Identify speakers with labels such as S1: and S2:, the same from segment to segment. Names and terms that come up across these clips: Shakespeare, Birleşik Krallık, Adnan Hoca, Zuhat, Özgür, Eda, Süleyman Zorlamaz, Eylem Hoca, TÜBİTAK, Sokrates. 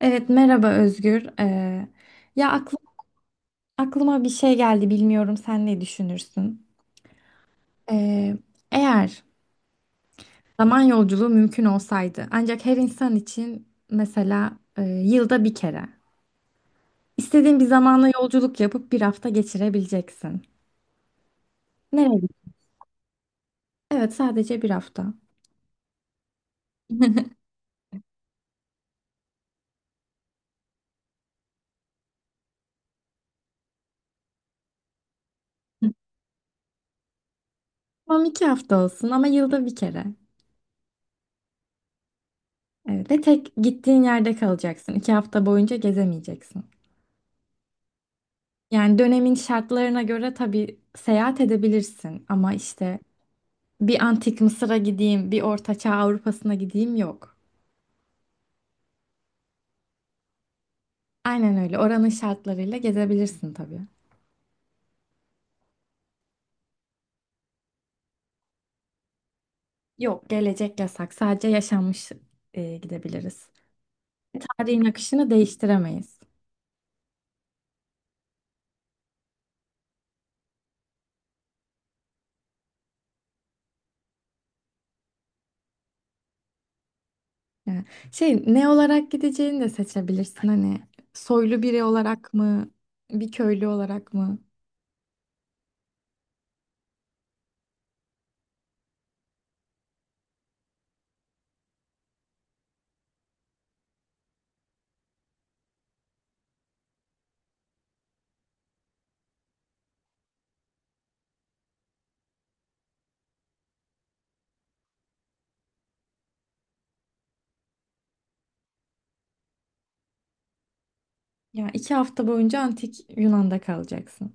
S1: Evet, merhaba Özgür. Ya aklım, Aklıma bir şey geldi, bilmiyorum sen ne düşünürsün? Ee, Eğer zaman yolculuğu mümkün olsaydı, ancak her insan için mesela yılda bir kere istediğin bir zamana yolculuk yapıp bir hafta geçirebileceksin. Nereye? Evet, sadece bir hafta. Tamam, iki hafta olsun ama yılda bir kere. Evet, ve tek gittiğin yerde kalacaksın. İki hafta boyunca gezemeyeceksin. Yani dönemin şartlarına göre tabii seyahat edebilirsin ama işte bir antik Mısır'a gideyim, bir Orta Çağ Avrupa'sına gideyim yok. Aynen öyle. Oranın şartlarıyla gezebilirsin tabii. Yok, gelecek yasak. Sadece yaşanmış gidebiliriz. Tarihin akışını değiştiremeyiz. Yani şey ne olarak gideceğini de seçebilirsin. Hani soylu biri olarak mı, bir köylü olarak mı? Ya iki hafta boyunca antik Yunan'da kalacaksın.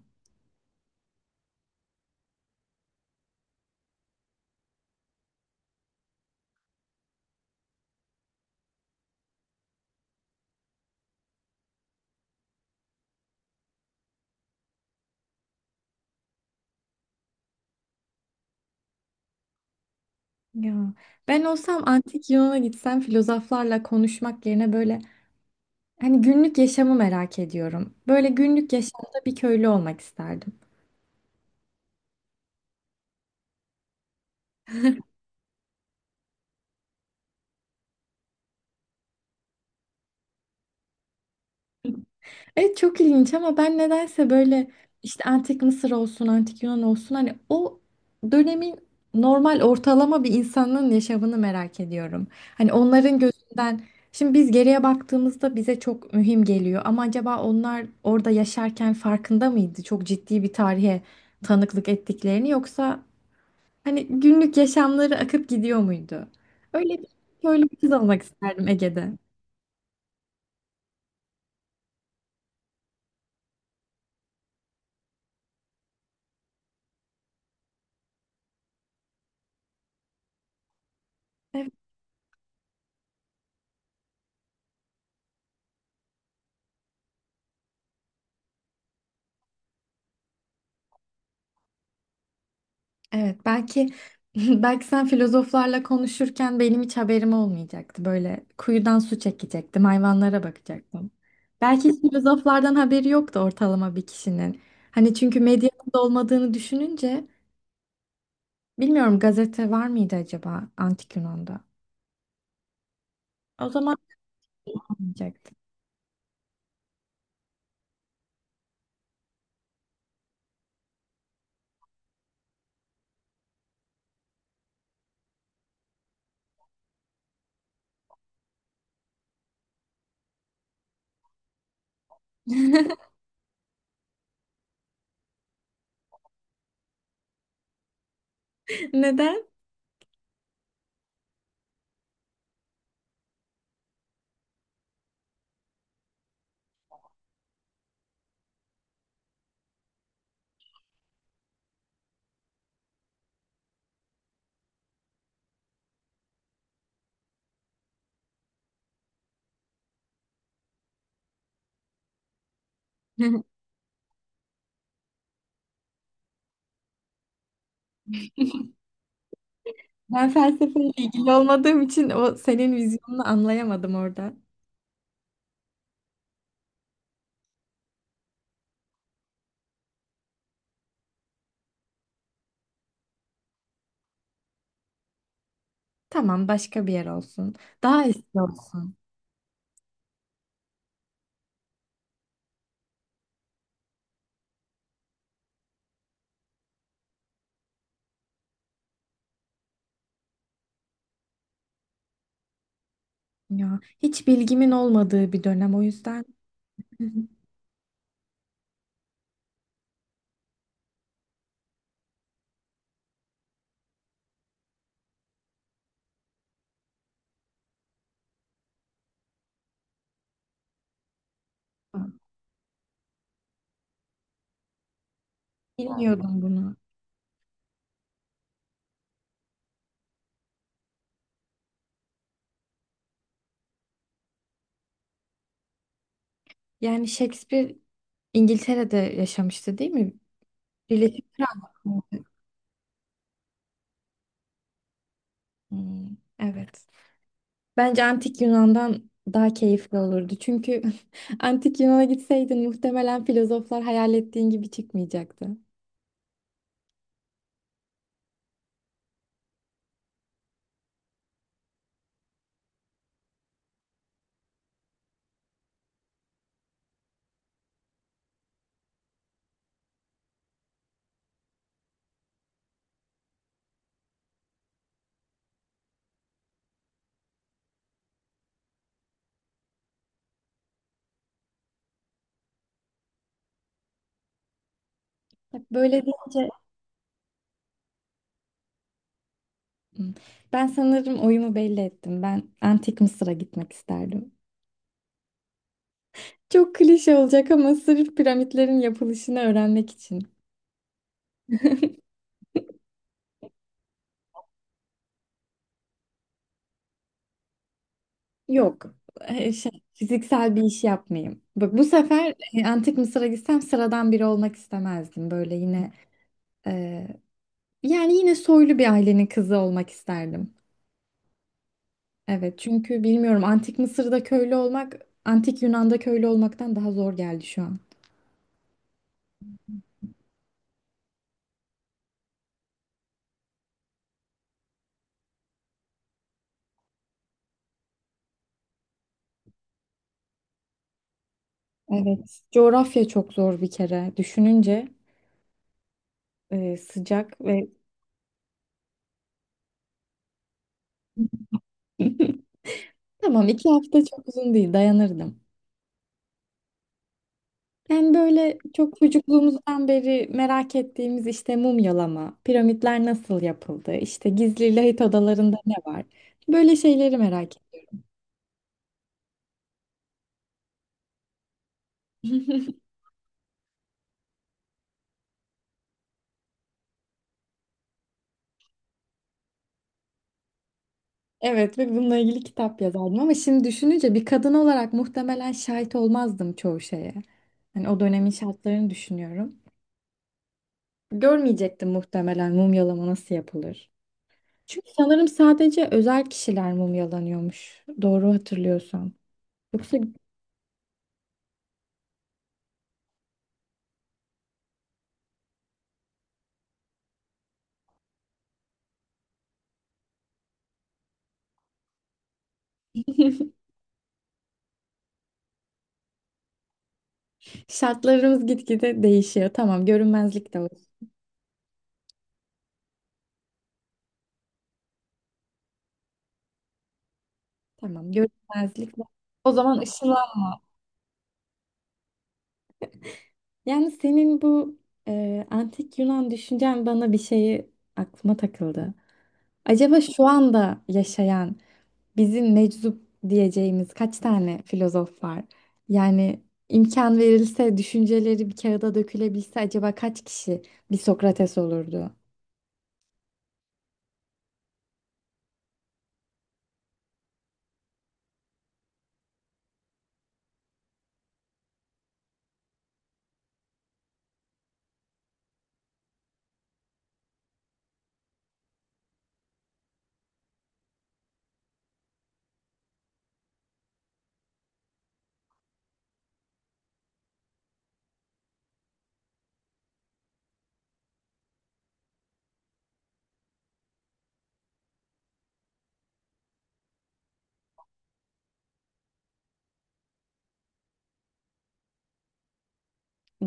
S1: Ya ben olsam antik Yunan'a gitsem filozoflarla konuşmak yerine böyle hani günlük yaşamı merak ediyorum. Böyle günlük yaşamda bir köylü olmak isterdim. Evet, çok ilginç ama ben nedense böyle işte antik Mısır olsun, antik Yunan olsun hani o dönemin normal ortalama bir insanın yaşamını merak ediyorum. Hani onların gözünden şimdi biz geriye baktığımızda bize çok mühim geliyor ama acaba onlar orada yaşarken farkında mıydı? Çok ciddi bir tarihe tanıklık ettiklerini yoksa hani günlük yaşamları akıp gidiyor muydu? Öyle bir, Böyle bir kız olmak isterdim Ege'de. Evet, belki belki sen filozoflarla konuşurken benim hiç haberim olmayacaktı. Böyle kuyudan su çekecektim, hayvanlara bakacaktım. Belki hiç filozoflardan haberi yoktu ortalama bir kişinin. Hani çünkü medyanın da olmadığını düşününce bilmiyorum, gazete var mıydı acaba Antik Yunan'da? O zaman olmayacaktı. Neden? Ben felsefeyle ilgili olmadığım için o senin vizyonunu anlayamadım orada. Tamam, başka bir yer olsun. Daha eski olsun. Ya hiç bilgimin olmadığı bir dönem, o yüzden bilmiyordum bunu. Yani Shakespeare İngiltere'de yaşamıştı, değil mi? Birleşik Krallık. Hmm, evet. Bence Antik Yunan'dan daha keyifli olurdu. Çünkü Antik Yunan'a gitseydin muhtemelen filozoflar hayal ettiğin gibi çıkmayacaktı. Bak, böyle deyince. Hmm, ben sanırım oyumu belli ettim. Ben Antik Mısır'a gitmek isterdim. Çok klişe olacak ama sırf piramitlerin yapılışını öğrenmek için. Yok. Şey, fiziksel bir iş yapmayayım. Bak, bu sefer Antik Mısır'a gitsem sıradan biri olmak istemezdim. Böyle yine e, yani yine soylu bir ailenin kızı olmak isterdim. Evet, çünkü bilmiyorum, Antik Mısır'da köylü olmak Antik Yunan'da köylü olmaktan daha zor geldi şu an. Evet. Coğrafya çok zor bir kere. Düşününce sıcak ve tamam, iki hafta çok uzun değil, dayanırdım. Yani böyle çok çocukluğumuzdan beri merak ettiğimiz işte mumyalama, piramitler nasıl yapıldı, işte gizli lahit odalarında ne var? Böyle şeyleri merak ettim. Evet, ve bununla ilgili kitap yazardım ama şimdi düşününce bir kadın olarak muhtemelen şahit olmazdım çoğu şeye. Hani o dönemin şartlarını düşünüyorum. Görmeyecektim muhtemelen mumyalama nasıl yapılır. Çünkü sanırım sadece özel kişiler mumyalanıyormuş. Doğru hatırlıyorsam. Yoksa şartlarımız gitgide değişiyor. Tamam, görünmezlik de var. Tamam, görünmezlik var. O zaman ışınlan. Yani senin bu antik Yunan düşüncen bana bir şeyi aklıma takıldı. Acaba şu anda yaşayan bizim meczup diyeceğimiz kaç tane filozof var? Yani imkan verilse, düşünceleri bir kağıda dökülebilse acaba kaç kişi bir Sokrates olurdu?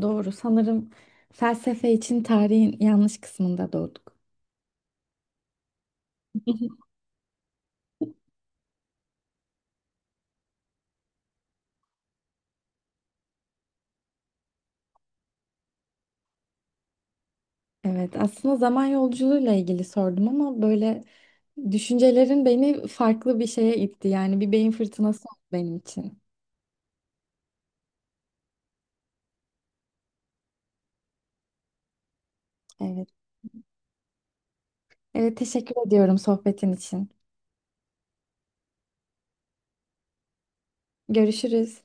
S1: Doğru. Sanırım felsefe için tarihin yanlış kısmında doğduk. Evet, aslında zaman yolculuğuyla ilgili sordum ama böyle düşüncelerin beni farklı bir şeye itti. Yani bir beyin fırtınası oldu benim için. Evet. Evet, teşekkür ediyorum sohbetin için. Görüşürüz.